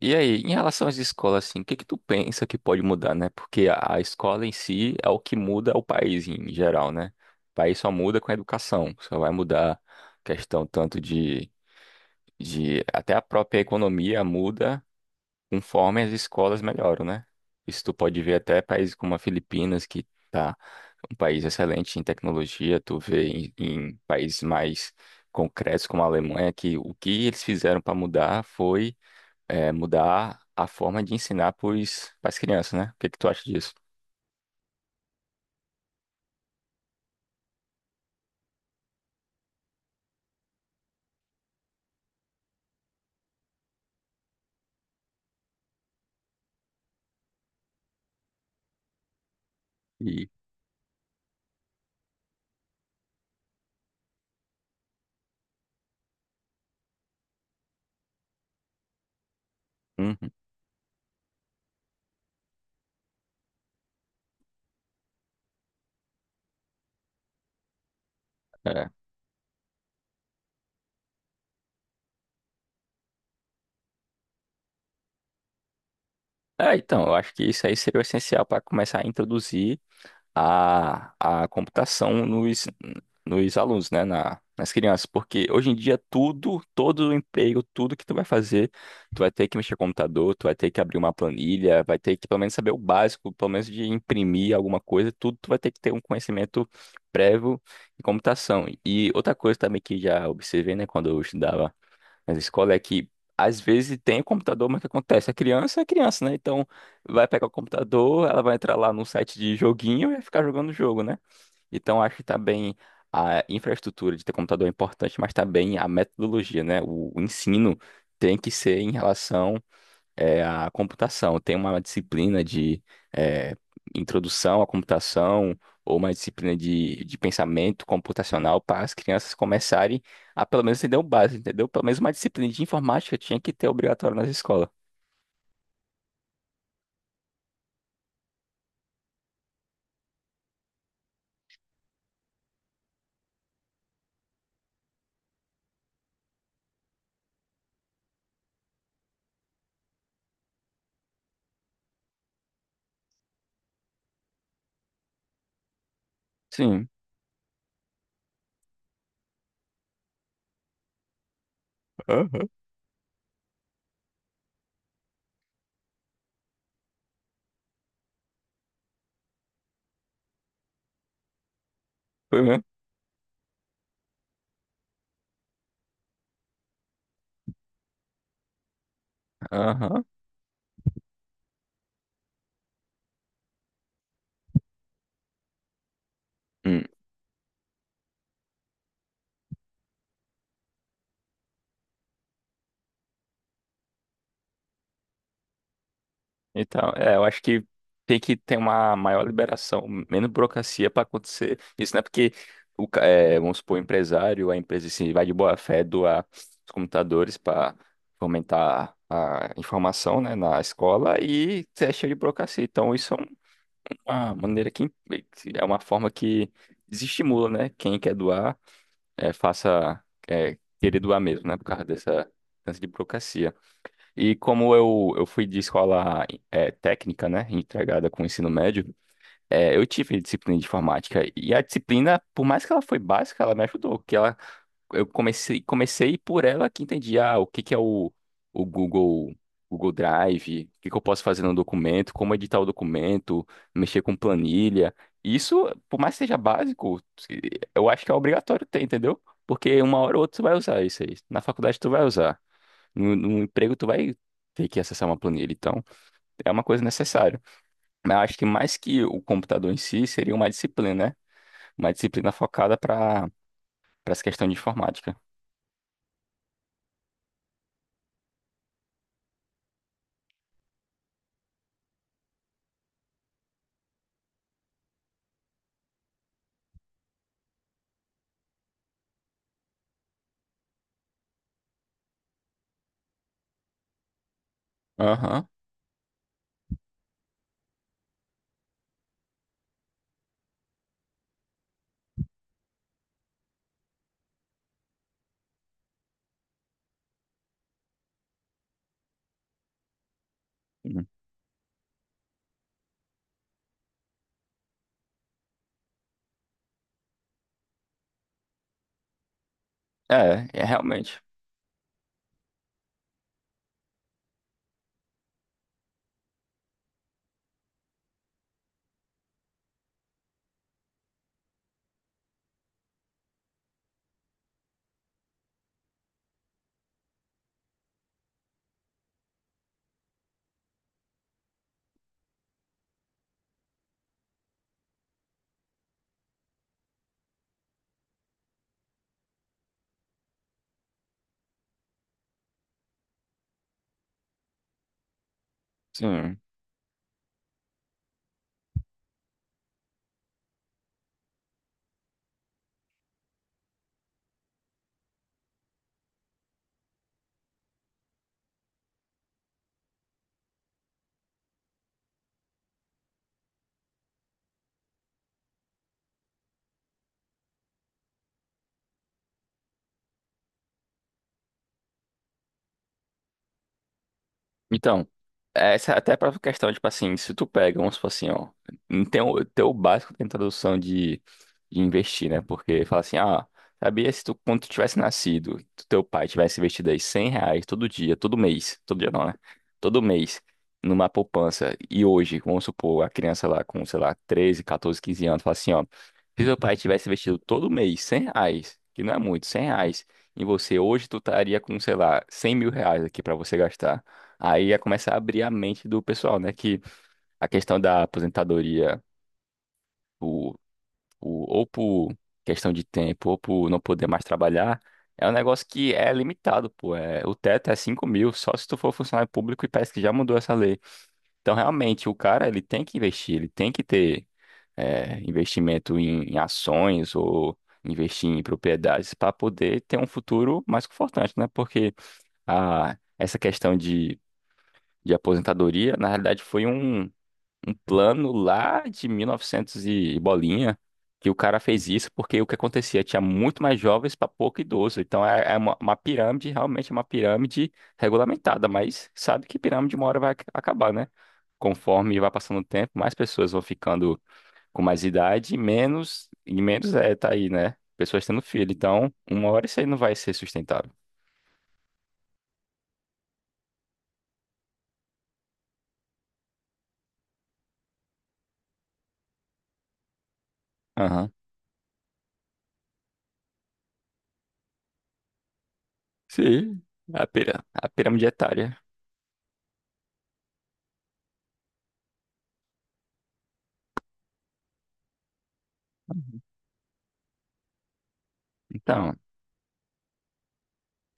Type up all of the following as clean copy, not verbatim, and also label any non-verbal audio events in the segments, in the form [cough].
E aí, em relação às escolas, assim, o que que tu pensa que pode mudar, né? Porque a escola em si é o que muda o país em geral, né? O país só muda com a educação, só vai mudar questão tanto de até a própria economia muda conforme as escolas melhoram, né? Isso tu pode ver até países como a Filipinas, que tá um país excelente em tecnologia. Tu vê em países mais concretos como a Alemanha, que o que eles fizeram para mudar foi mudar a forma de ensinar para as crianças, né? O que que tu acha disso? E. Uhum. É. É, então, eu acho que isso aí seria o essencial para começar a introduzir a, a computação nos alunos, né? Nas crianças. Porque hoje em dia tudo, todo o emprego, tudo que tu vai fazer, tu vai ter que mexer com o computador, tu vai ter que abrir uma planilha, vai ter que pelo menos saber o básico, pelo menos de imprimir alguma coisa, tudo tu vai ter que ter um conhecimento prévio em computação. E outra coisa também que já observei, né, quando eu estudava, mas a escola é que às vezes tem o computador, mas o que acontece? A criança é criança, né? Então vai pegar o computador, ela vai entrar lá no site de joguinho e vai ficar jogando o jogo, né? Então acho que tá bem, a infraestrutura de ter computador é importante, mas tá bem a metodologia, né? O ensino tem que ser em relação a computação. Tem uma disciplina de é, introdução à computação ou uma disciplina de pensamento computacional para as crianças começarem a pelo menos entender o básico, entendeu? Pelo menos uma disciplina de informática tinha que ter obrigatório nas escolas. Sim. Aham. Foi mesmo? Aham. Hum. Então, é, eu acho que tem que ter uma maior liberação, menos burocracia para acontecer isso, né? Porque vamos supor, o empresário, a empresa assim, vai de boa fé doar os computadores para fomentar a informação, né, na escola e é cheio de burocracia. Então, isso é uma maneira que é uma forma que desestimula, né? Quem quer doar, faça, querer doar mesmo, né? Por causa dessa de burocracia. E como eu, fui de escola técnica, né, entregada com o ensino médio. Eh, eu tive disciplina de informática. E a disciplina, por mais que ela foi básica, ela me ajudou. Que ela, eu comecei por ela que entendi, o que que é o Google, Google Drive, o que que eu posso fazer no documento, como editar o documento, mexer com planilha. Isso, por mais que seja básico, eu acho que é obrigatório ter, entendeu? Porque uma hora ou outra tu vai usar isso aí. Na faculdade tu vai usar. No emprego, tu vai ter que acessar uma planilha, então é uma coisa necessária. Mas eu acho que mais que o computador em si, seria uma disciplina, né? Uma disciplina focada para essa questão de informática. Aham. É, é realmente. Sim. Então, essa é até para própria questão, tipo assim, se tu pega, vamos supor assim, ó, não tem o, tem o básico, tem tradução de investir, né? Porque fala assim, ah, sabia se tu, quando tu tivesse nascido, teu pai tivesse investido aí R$ 100 todo dia, todo mês, todo dia não, né? Todo mês, numa poupança, e hoje, vamos supor, a criança lá com, sei lá, 13, 14, 15 anos, fala assim, ó, se teu pai tivesse investido todo mês R$ 100, que não é muito, R$ 100, em você, hoje tu estaria com, sei lá, R$ 100 mil aqui para você gastar. Aí ia começar a abrir a mente do pessoal, né? Que a questão da aposentadoria, o, ou por questão de tempo, ou por não poder mais trabalhar, é um negócio que é limitado, pô. É, o teto é 5.000, só se tu for funcionário público, e parece que já mudou essa lei. Então, realmente, o cara, ele tem que investir, ele tem que ter investimento em ações ou investir em propriedades para poder ter um futuro mais confortante, né? Porque essa questão de aposentadoria, na realidade foi um plano lá de 1900 e novecentos e bolinha que o cara fez isso, porque o que acontecia? Tinha muito mais jovens para pouco idoso. Então é, é uma pirâmide, realmente é uma pirâmide regulamentada, mas sabe que pirâmide uma hora vai acabar, né? Conforme vai passando o tempo, mais pessoas vão ficando com mais idade, e menos, é, tá aí, né? Pessoas tendo filho. Então, uma hora isso aí não vai ser sustentável. Aham. Sim, a a pirâmide etária. Então.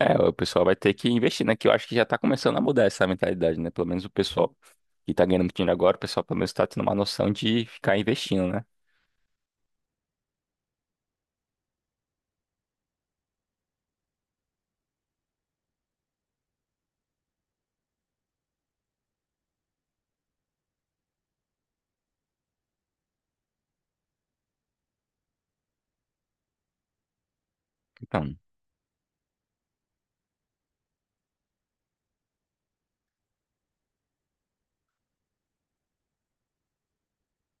É, o pessoal vai ter que investir, né? Que eu acho que já tá começando a mudar essa mentalidade, né? Pelo menos o pessoal que tá ganhando dinheiro agora, o pessoal pelo menos tá tendo uma noção de ficar investindo, né? Então.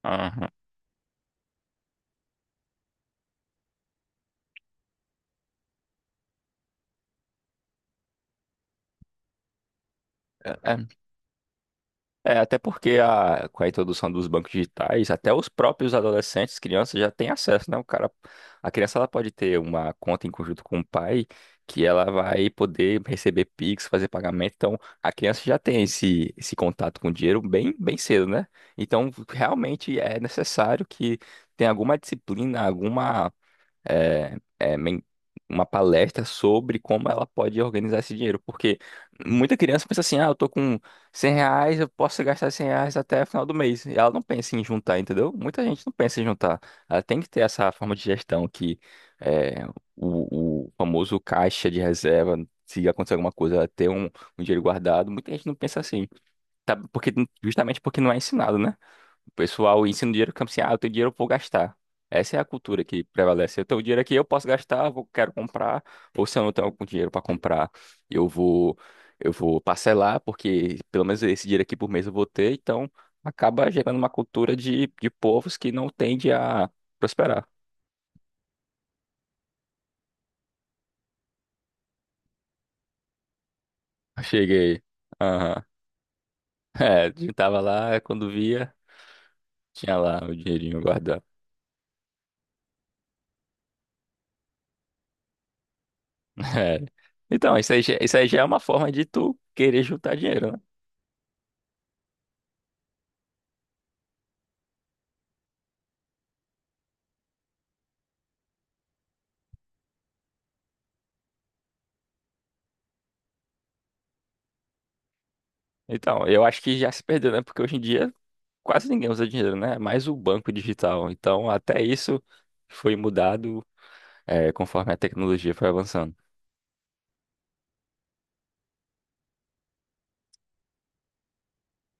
Aham. É, até porque com a introdução dos bancos digitais, até os próprios adolescentes, crianças já têm acesso, né? O cara, a criança ela pode ter uma conta em conjunto com o pai, que ela vai poder receber Pix, fazer pagamento. Então, a criança já tem esse contato com o dinheiro bem, bem cedo, né? Então, realmente é necessário que tenha alguma disciplina, alguma é, é, men- uma palestra sobre como ela pode organizar esse dinheiro. Porque muita criança pensa assim, ah, eu tô com R$ 100, eu posso gastar R$ 100 até o final do mês. E ela não pensa em juntar, entendeu? Muita gente não pensa em juntar. Ela tem que ter essa forma de gestão que é, o famoso caixa de reserva, se acontecer alguma coisa, ela ter um dinheiro guardado. Muita gente não pensa assim, tá? Porque, justamente porque não é ensinado, né? O pessoal ensina o dinheiro como assim, ah, eu tenho dinheiro, eu vou gastar. Essa é a cultura que prevalece. Eu tenho dinheiro aqui, eu posso gastar, vou, quero comprar, ou se eu não tenho algum dinheiro para comprar, eu vou eu vou parcelar, porque pelo menos esse dinheiro aqui por mês eu vou ter, então acaba gerando uma cultura de povos que não tende a prosperar. Cheguei. Aham. [laughs] É, a gente tava lá, quando via, tinha lá o dinheirinho guardado. [laughs] É. Então, isso aí, isso aí já é uma forma de tu querer juntar dinheiro, né? Então, eu acho que já se perdeu, né? Porque hoje em dia quase ninguém usa dinheiro, né? É mais o banco digital. Então, até isso foi mudado, é, conforme a tecnologia foi avançando.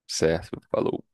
Certo, falou.